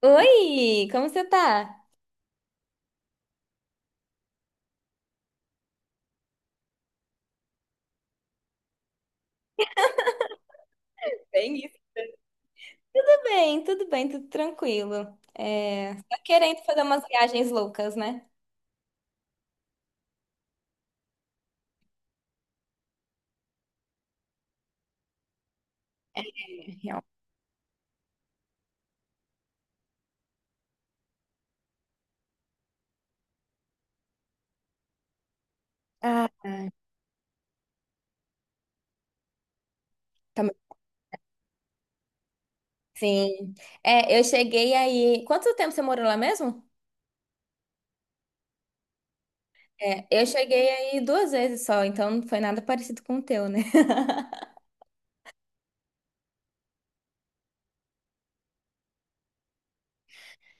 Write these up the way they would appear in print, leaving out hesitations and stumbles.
Oi, como você tá? Bem isso. Tudo bem, tudo bem, tudo tranquilo. É, tá querendo fazer umas viagens loucas, né? Real. Ah, tá, bom. Sim. É, eu cheguei aí. Quanto tempo você morou lá mesmo? É, eu cheguei aí duas vezes só, então não foi nada parecido com o teu, né?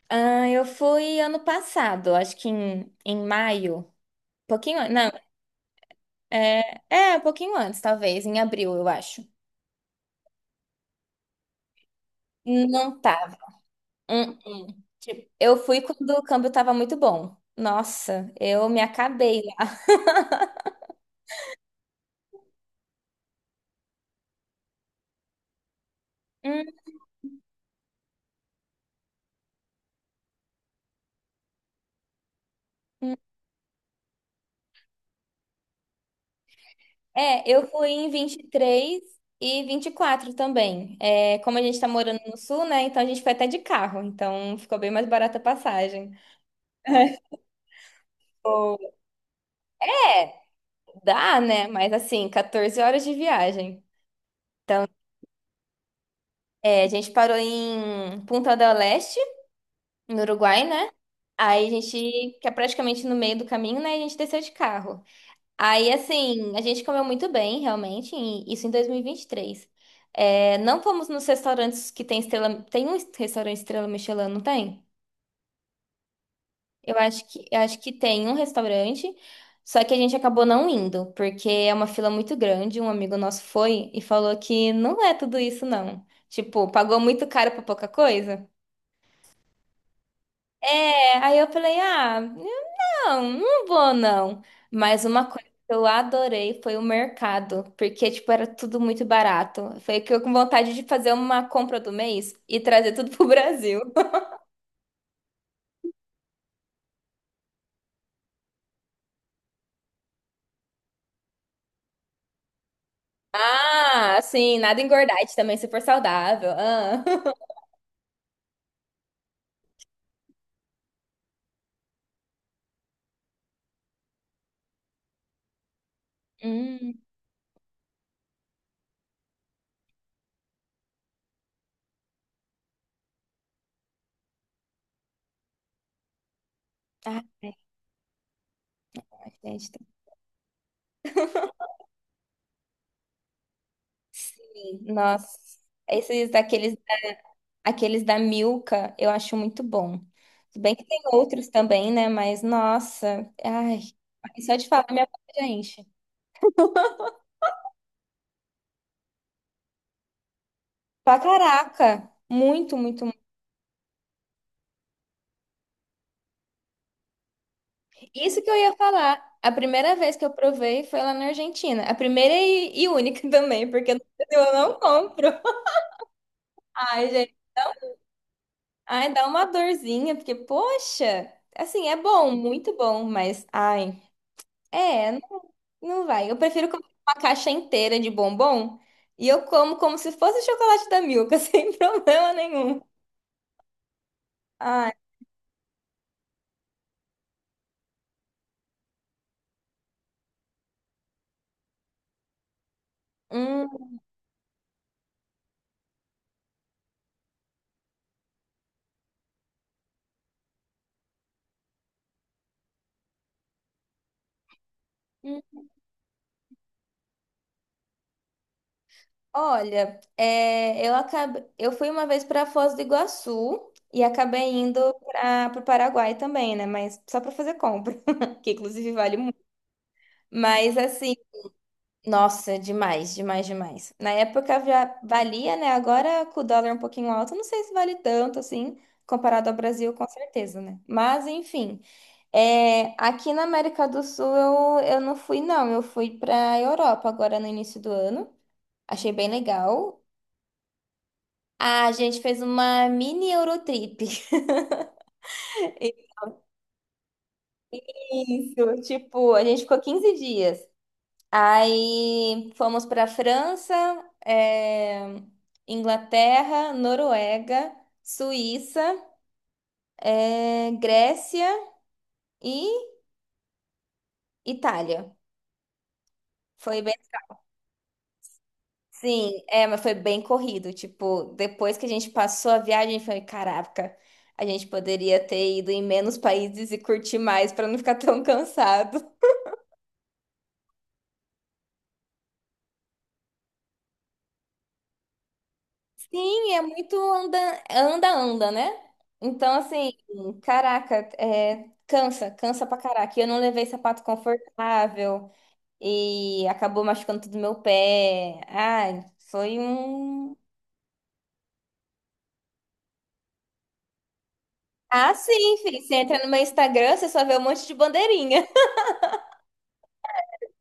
Ah, eu fui ano passado, acho que em maio. Pouquinho, não, um pouquinho antes, talvez, em abril, eu acho. Não tá. Hum, hum. Eu fui quando o câmbio estava muito bom. Nossa, eu me acabei lá. Hum, hum. É, eu fui em vinte e três e vinte e quatro também. É, como a gente tá morando no sul, né? Então a gente foi até de carro. Então ficou bem mais barata a passagem. Ou- É, dá, né? Mas assim, 14 horas de viagem. É, a gente parou em Punta del Este, no Uruguai, né? Aí a gente, que é praticamente no meio do caminho, né? A gente desceu de carro. Aí, assim, a gente comeu muito bem, realmente, e isso em 2023. É, não fomos nos restaurantes que tem estrela. Tem um restaurante Estrela Michelin, não tem? Eu acho que tem um restaurante, só que a gente acabou não indo, porque é uma fila muito grande. Um amigo nosso foi e falou que não é tudo isso, não. Tipo, pagou muito caro pra pouca coisa. É, aí eu falei, ah. Não, não vou não. Mas uma coisa que eu adorei foi o mercado, porque tipo era tudo muito barato. Foi que eu com vontade de fazer uma compra do mês e trazer tudo pro Brasil. Ah, sim, nada engordante também, super saudável. Ah. Hum. Ai, gente. Sim, nossa. Esses daqueles, aqueles da Milka, eu acho muito bom. Se bem que tem outros também, né? Mas nossa, ai, só de falar minha boca já enche. Pra caraca! Muito, muito, muito. Isso que eu ia falar. A primeira vez que eu provei foi lá na Argentina. A primeira e única também, porque no Brasil eu não compro. Ai, gente. Ai, dá uma dorzinha, porque, poxa, assim, é bom, muito bom, mas, ai, é, não, não vai. Eu prefiro comer uma caixa inteira de bombom e eu como como se fosse chocolate da Milka, sem problema nenhum. Ai. Hum. Hum. Olha, é, eu acabei, eu fui uma vez para Foz do Iguaçu e acabei indo para o Paraguai também, né? Mas só para fazer compra, que inclusive vale muito. Mas assim, nossa, demais, demais, demais. Na época já valia, né? Agora com o dólar um pouquinho alto, não sei se vale tanto assim, comparado ao Brasil, com certeza, né? Mas enfim, é, aqui na América do Sul eu não fui, não. Eu fui para Europa agora no início do ano. Achei bem legal. A gente fez uma mini Eurotrip. Isso, tipo, a gente ficou 15 dias. Aí fomos para França, eh, Inglaterra, Noruega, Suíça, Grécia e Itália. Foi bem, sim, é, mas foi bem corrido. Tipo, depois que a gente passou a viagem, foi, caraca, a gente poderia ter ido em menos países e curtir mais para não ficar tão cansado. Sim, é muito anda, anda, anda, né? Então, assim, caraca, é, cansa, cansa pra caraca. E eu não levei sapato confortável e acabou machucando tudo meu pé. Ai, foi um. Ah, sim, filho. Você entra no meu Instagram, você só vê um monte de bandeirinha.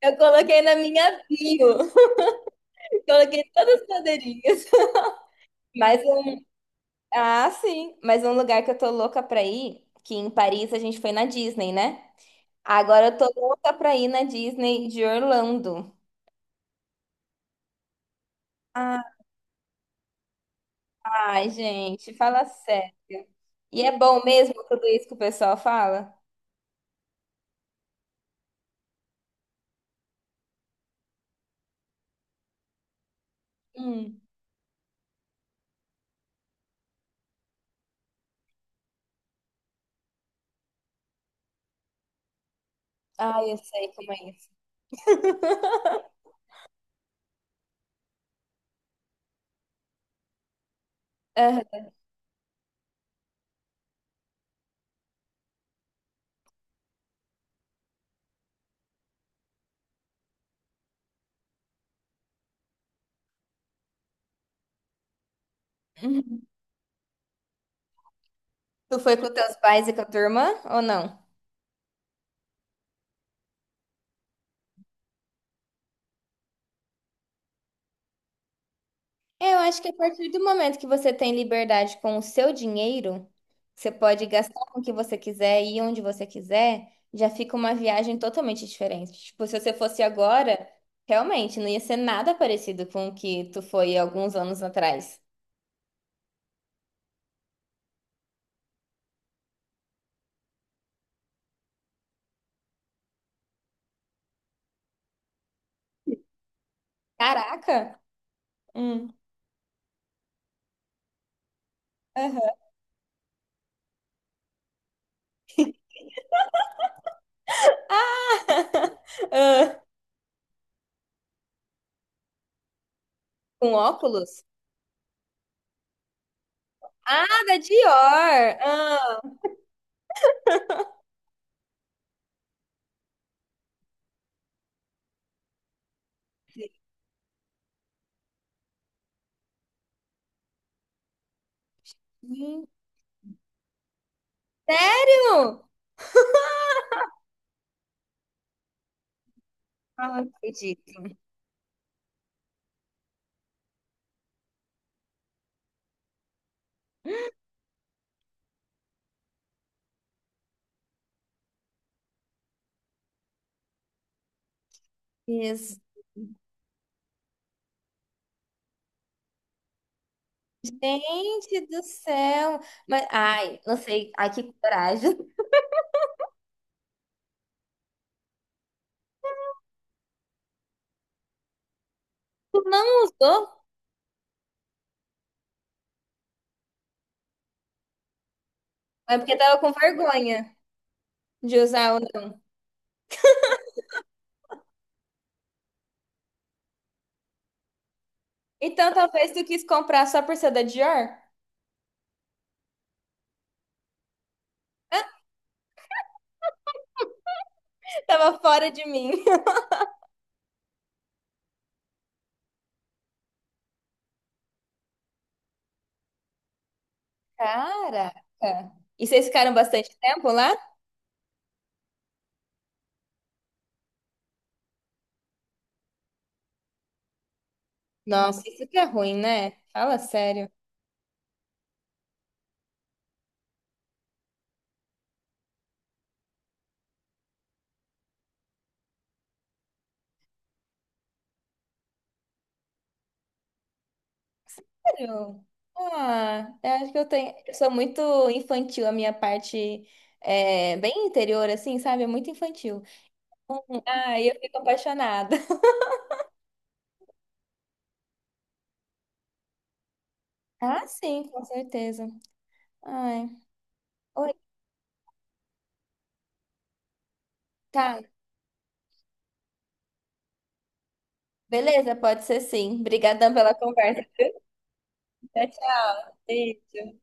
Eu coloquei na minha bio. Coloquei todas as bandeirinhas. Mas um... Ah, sim. Mas um lugar que eu tô louca pra ir, que em Paris a gente foi na Disney, né? Agora eu tô louca pra ir na Disney de Orlando. Ai, gente, fala sério. E é bom mesmo tudo isso que o pessoal fala? Hum. Ai, eu sei como é isso. Aham. Uhum. Tu foi com teus pais e com a tua irmã ou não? Eu acho que a partir do momento que você tem liberdade com o seu dinheiro, você pode gastar com o que você quiser e ir onde você quiser, já fica uma viagem totalmente diferente. Tipo, se você fosse agora, realmente não ia ser nada parecido com o que tu foi alguns anos atrás. Caraca! Hum. Aham. Ah. Com óculos? Ah, da Dior! Ah. Hum. Sério? Ah, não acredito. Gente do céu! Mas, ai, não sei. Ai, que coragem. Tu não usou? É porque tava com vergonha de usar o. Então talvez tu quis comprar só por ser da Dior? Tava fora de mim. Caraca! E vocês ficaram bastante tempo lá? Nossa, isso que é ruim, né? Fala sério. Sério? Ah, eu acho que eu tenho. Eu sou muito infantil, a minha parte é bem interior, assim, sabe? É muito infantil. Ah, e eu fico apaixonada. Ah, sim, com certeza. Ai. Oi, tá. Beleza, pode ser sim. Obrigadão pela conversa. Tchau, tchau. Beijo.